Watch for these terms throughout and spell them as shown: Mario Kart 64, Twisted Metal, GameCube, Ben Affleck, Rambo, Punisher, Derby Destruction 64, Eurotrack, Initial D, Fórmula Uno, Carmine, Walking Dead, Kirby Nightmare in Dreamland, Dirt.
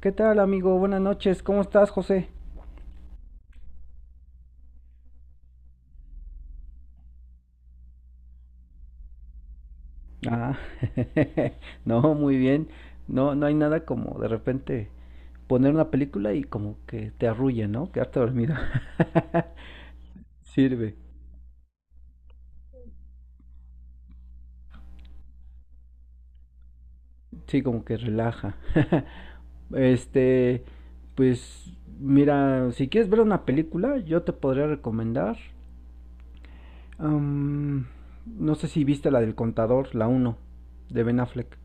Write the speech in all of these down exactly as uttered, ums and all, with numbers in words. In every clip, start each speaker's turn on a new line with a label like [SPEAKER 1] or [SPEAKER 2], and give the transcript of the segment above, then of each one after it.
[SPEAKER 1] ¿Qué tal, amigo? Buenas noches. ¿Cómo estás, José? Ah, no, muy bien. No, no hay nada como de repente poner una película y como que te arrulla, ¿no? Quedarte dormido. Sirve. Sí, como que relaja. Este, pues mira, si quieres ver una película, yo te podría recomendar. am, no sé si viste la del contador, la uno de Ben Affleck.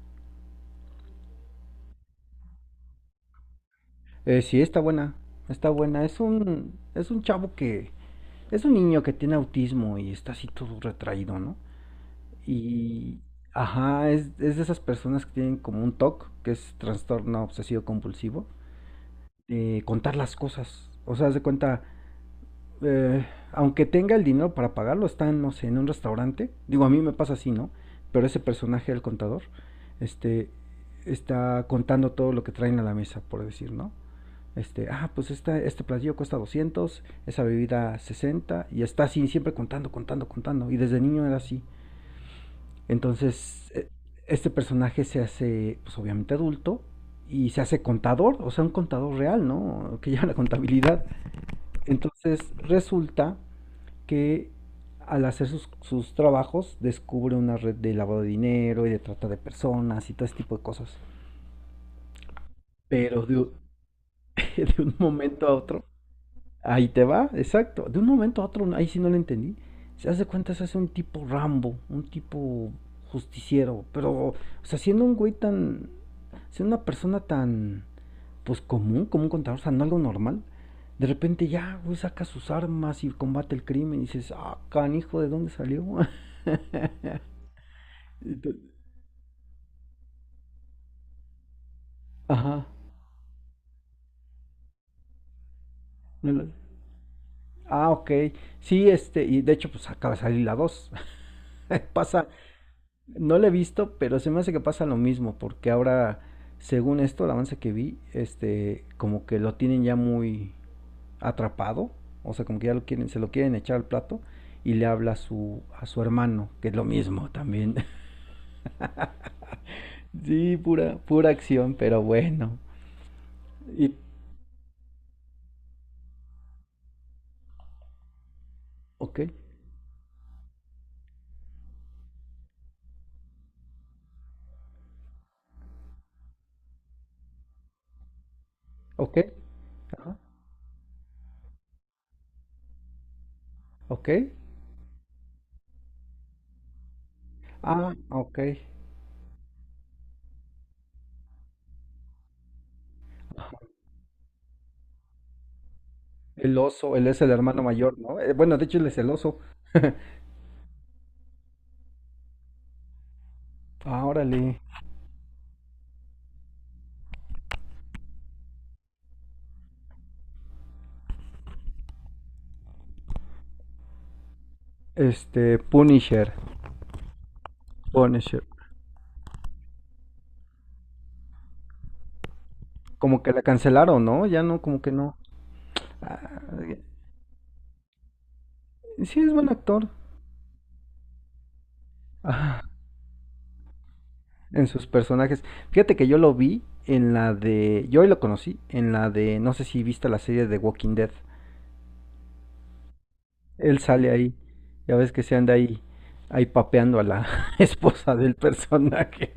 [SPEAKER 1] Eh, sí, está buena. Está buena. Es un, es un chavo que Es un niño que tiene autismo y está así todo retraído, ¿no? Y, ajá, es, es de esas personas que tienen como un TOC, que es trastorno obsesivo compulsivo, de contar las cosas. O sea, haz de cuenta, eh, aunque tenga el dinero para pagarlo, está, no sé, en un restaurante. Digo, a mí me pasa así, ¿no? Pero ese personaje, el contador, este, está contando todo lo que traen a la mesa, por decir, ¿no? Este, ah, pues esta, este platillo cuesta doscientos, esa bebida sesenta, y está así, siempre contando, contando, contando. Y desde niño era así. Entonces, e, este personaje se hace, pues obviamente adulto, y se hace contador, o sea, un contador real, ¿no? Que lleva la contabilidad. Entonces, resulta que al hacer sus, sus trabajos, descubre una red de lavado de dinero y de trata de personas y todo ese tipo de cosas. Pero de, de un momento a otro, ahí te va, exacto. De un momento a otro, ahí sí no lo entendí. Se hace cuenta, se hace un tipo Rambo, un tipo justiciero, pero, o sea, siendo un güey tan, siendo una persona tan, pues común, como un contador, o sea, no algo normal. De repente ya, güey, saca sus armas y combate el crimen y dices, ah, canijo, ¿de dónde salió? Entonces. Ajá. no la- Ah, ok. Sí, este, y de hecho, pues acaba de salir la dos. Pasa. No la he visto, pero se me hace que pasa lo mismo, porque ahora, según esto, el avance que vi, este, como que lo tienen ya muy atrapado, o sea, como que ya lo quieren, se lo quieren echar al plato y le habla a su, a su, hermano, que es lo mismo también. Sí, pura, pura acción, pero bueno. Y, ok, ok, ajá, ok, ah, ok. El oso, él es el hermano mayor, ¿no? Eh, bueno, de hecho él es el oso. Ah, órale. Este, Punisher. Punisher. Como que la cancelaron, ¿no? Ya no, como que no. Ah, sí, es buen actor. Ah, en sus personajes. Fíjate que yo lo vi en la de. Yo hoy lo conocí en la de. No sé si viste la serie de Walking Dead. Él sale ahí. Ya ves que se anda ahí. Ahí papeando a la esposa del personaje.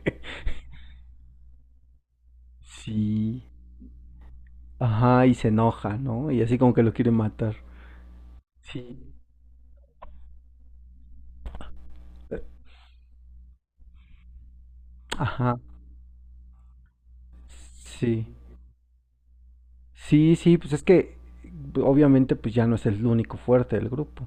[SPEAKER 1] Sí. Ajá, y se enoja, ¿no? Y así como que lo quiere matar. Sí. Ajá. Sí. Sí, sí, pues es que obviamente pues ya no es el único fuerte del grupo.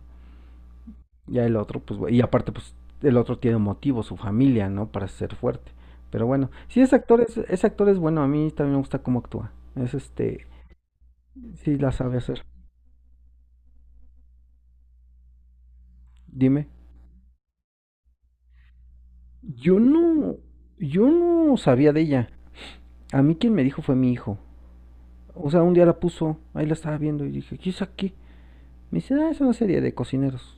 [SPEAKER 1] Ya el otro, pues, y aparte, pues el otro tiene un motivo, su familia, ¿no? Para ser fuerte. Pero bueno, sí, ese actor es, ese actor es bueno, a mí también me gusta cómo actúa. Es este, sí la sabe hacer. Dime. Yo no, yo no sabía de ella. A mí quien me dijo fue mi hijo. O sea, un día la puso, ahí la estaba viendo y dije, ¿qué es aquí? Me dice, ah, es una serie de cocineros.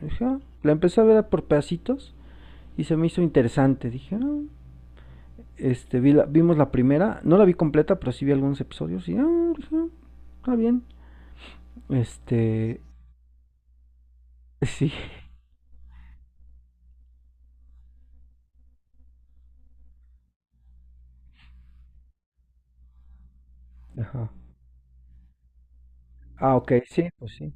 [SPEAKER 1] Y dije, "Ah". La empecé a ver por pedacitos y se me hizo interesante. Dije, ah, este, vi la- vimos la primera. No la vi completa, pero sí vi algunos episodios. Y, ah, pues, ah, está bien. Este, sí. Ajá. Ah, ok, sí, pues sí.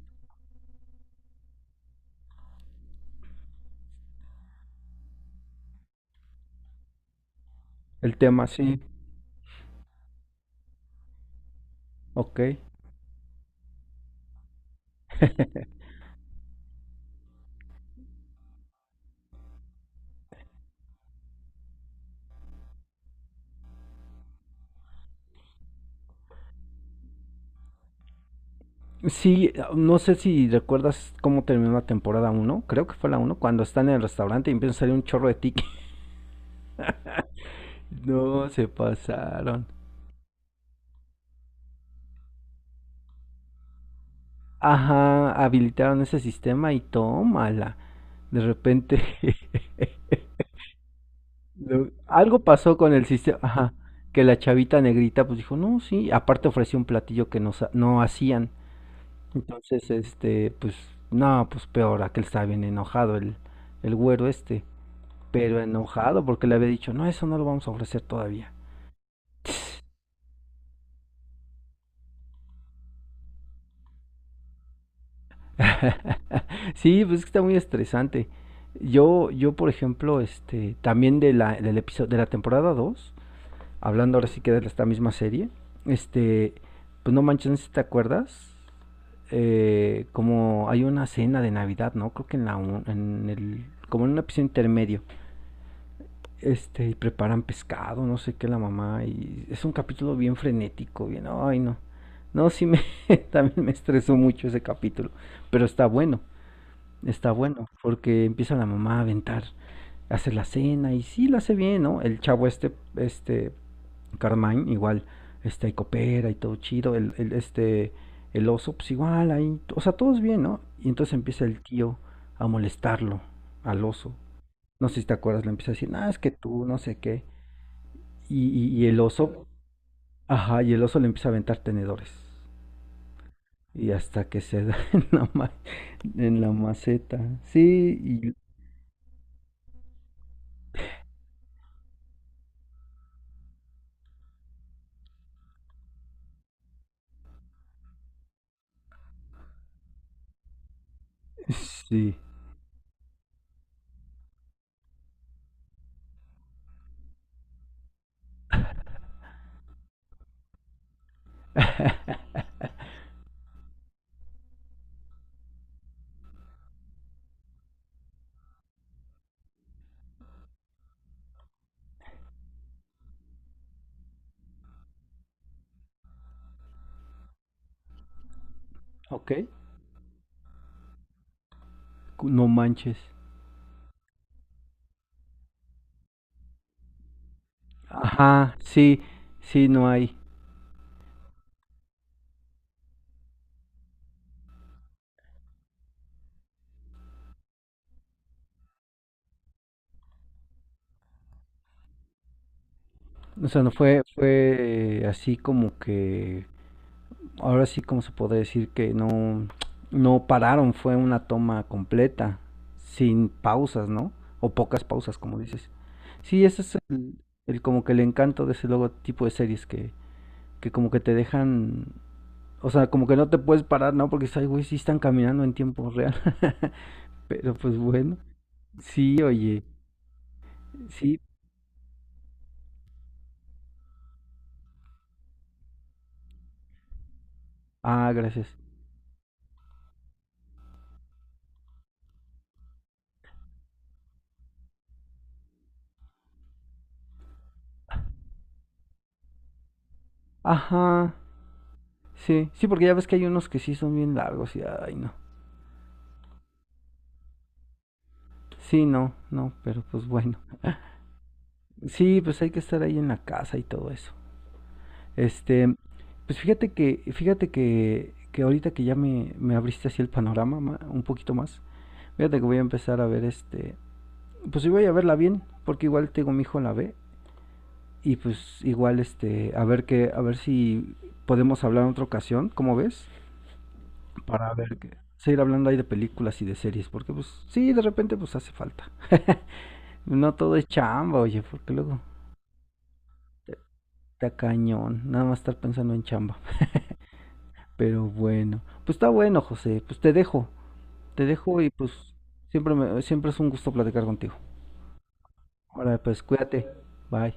[SPEAKER 1] El tema, sí. Ok. Sí, no sé si recuerdas cómo terminó la temporada uno. Creo que fue la uno. Cuando están en el restaurante y empieza a salir un chorro de tickets. No, se pasaron. Ajá, habilitaron ese sistema y tómala. De repente. Lo- algo pasó con el sistema, ajá, que la chavita negrita pues dijo, no, sí, aparte ofreció un platillo que no, sa- no hacían. Entonces, este, pues, no, pues peor, aquel estaba bien enojado, el, el, güero este, pero enojado porque le había dicho, no, eso no lo vamos a ofrecer todavía. Sí, pues es que está muy estresante. Yo, yo, por ejemplo, este, también de la, del episodio, de la temporada dos hablando ahora sí que de esta misma serie, este, pues no manches, no sé si te acuerdas, eh, como hay una cena de Navidad, ¿no? Creo que en la en el como en un episodio intermedio. Este, y preparan pescado, no sé qué la mamá, y es un capítulo bien frenético, bien, ay no. No, sí me también me estresó mucho ese capítulo, pero está bueno. Está bueno porque empieza la mamá a aventar, hace la cena y sí la hace bien, ¿no? El chavo este este Carmine, igual, este, ahí coopera y todo chido, el, el, este, el oso, pues igual, ahí, o sea, todos bien, ¿no? Y entonces empieza el tío a molestarlo al oso. No sé si te acuerdas, le empieza a decir, ah, es que tú, no sé qué. Y, y, y el oso, ajá, y el oso le empieza a aventar tenedores. Y hasta que se da en la, ma- en la maceta. Sí, y, sí. Ok. No manches. Ajá, sí, sí, no hay. O sea, no fue, fue eh, así como que, ahora sí como se podría decir que no, no pararon, fue una toma completa, sin pausas, ¿no? O pocas pausas, como dices. Sí, ese es el, el, como que el encanto de ese logotipo de series, que, que como que te dejan, o sea, como que no te puedes parar, ¿no? Porque dices, ay, güey, sí están caminando en tiempo real. Pero pues bueno, sí, oye, sí, ah, gracias. Ajá, sí, sí, porque ya ves que hay unos que sí son bien largos y ay, no. Sí, no, no, pero pues bueno. Sí, pues hay que estar ahí en la casa y todo eso. Este, pues fíjate que, fíjate que, que ahorita que ya me, me abriste así el panorama ma- un poquito más, fíjate que voy a empezar a ver este, pues sí voy a verla bien, porque igual tengo mi hijo la ve, y pues igual este, a ver que, a ver si podemos hablar en otra ocasión, ¿cómo ves? Para ver que seguir hablando ahí de películas y de series, porque pues sí, de repente pues hace falta. No todo es chamba, oye, porque luego te- está cañón, nada más estar pensando en chamba. Pero bueno, pues está bueno, José, pues te dejo, te dejo y pues siempre me, siempre es un gusto platicar contigo. Ahora, pues cuídate. Bye.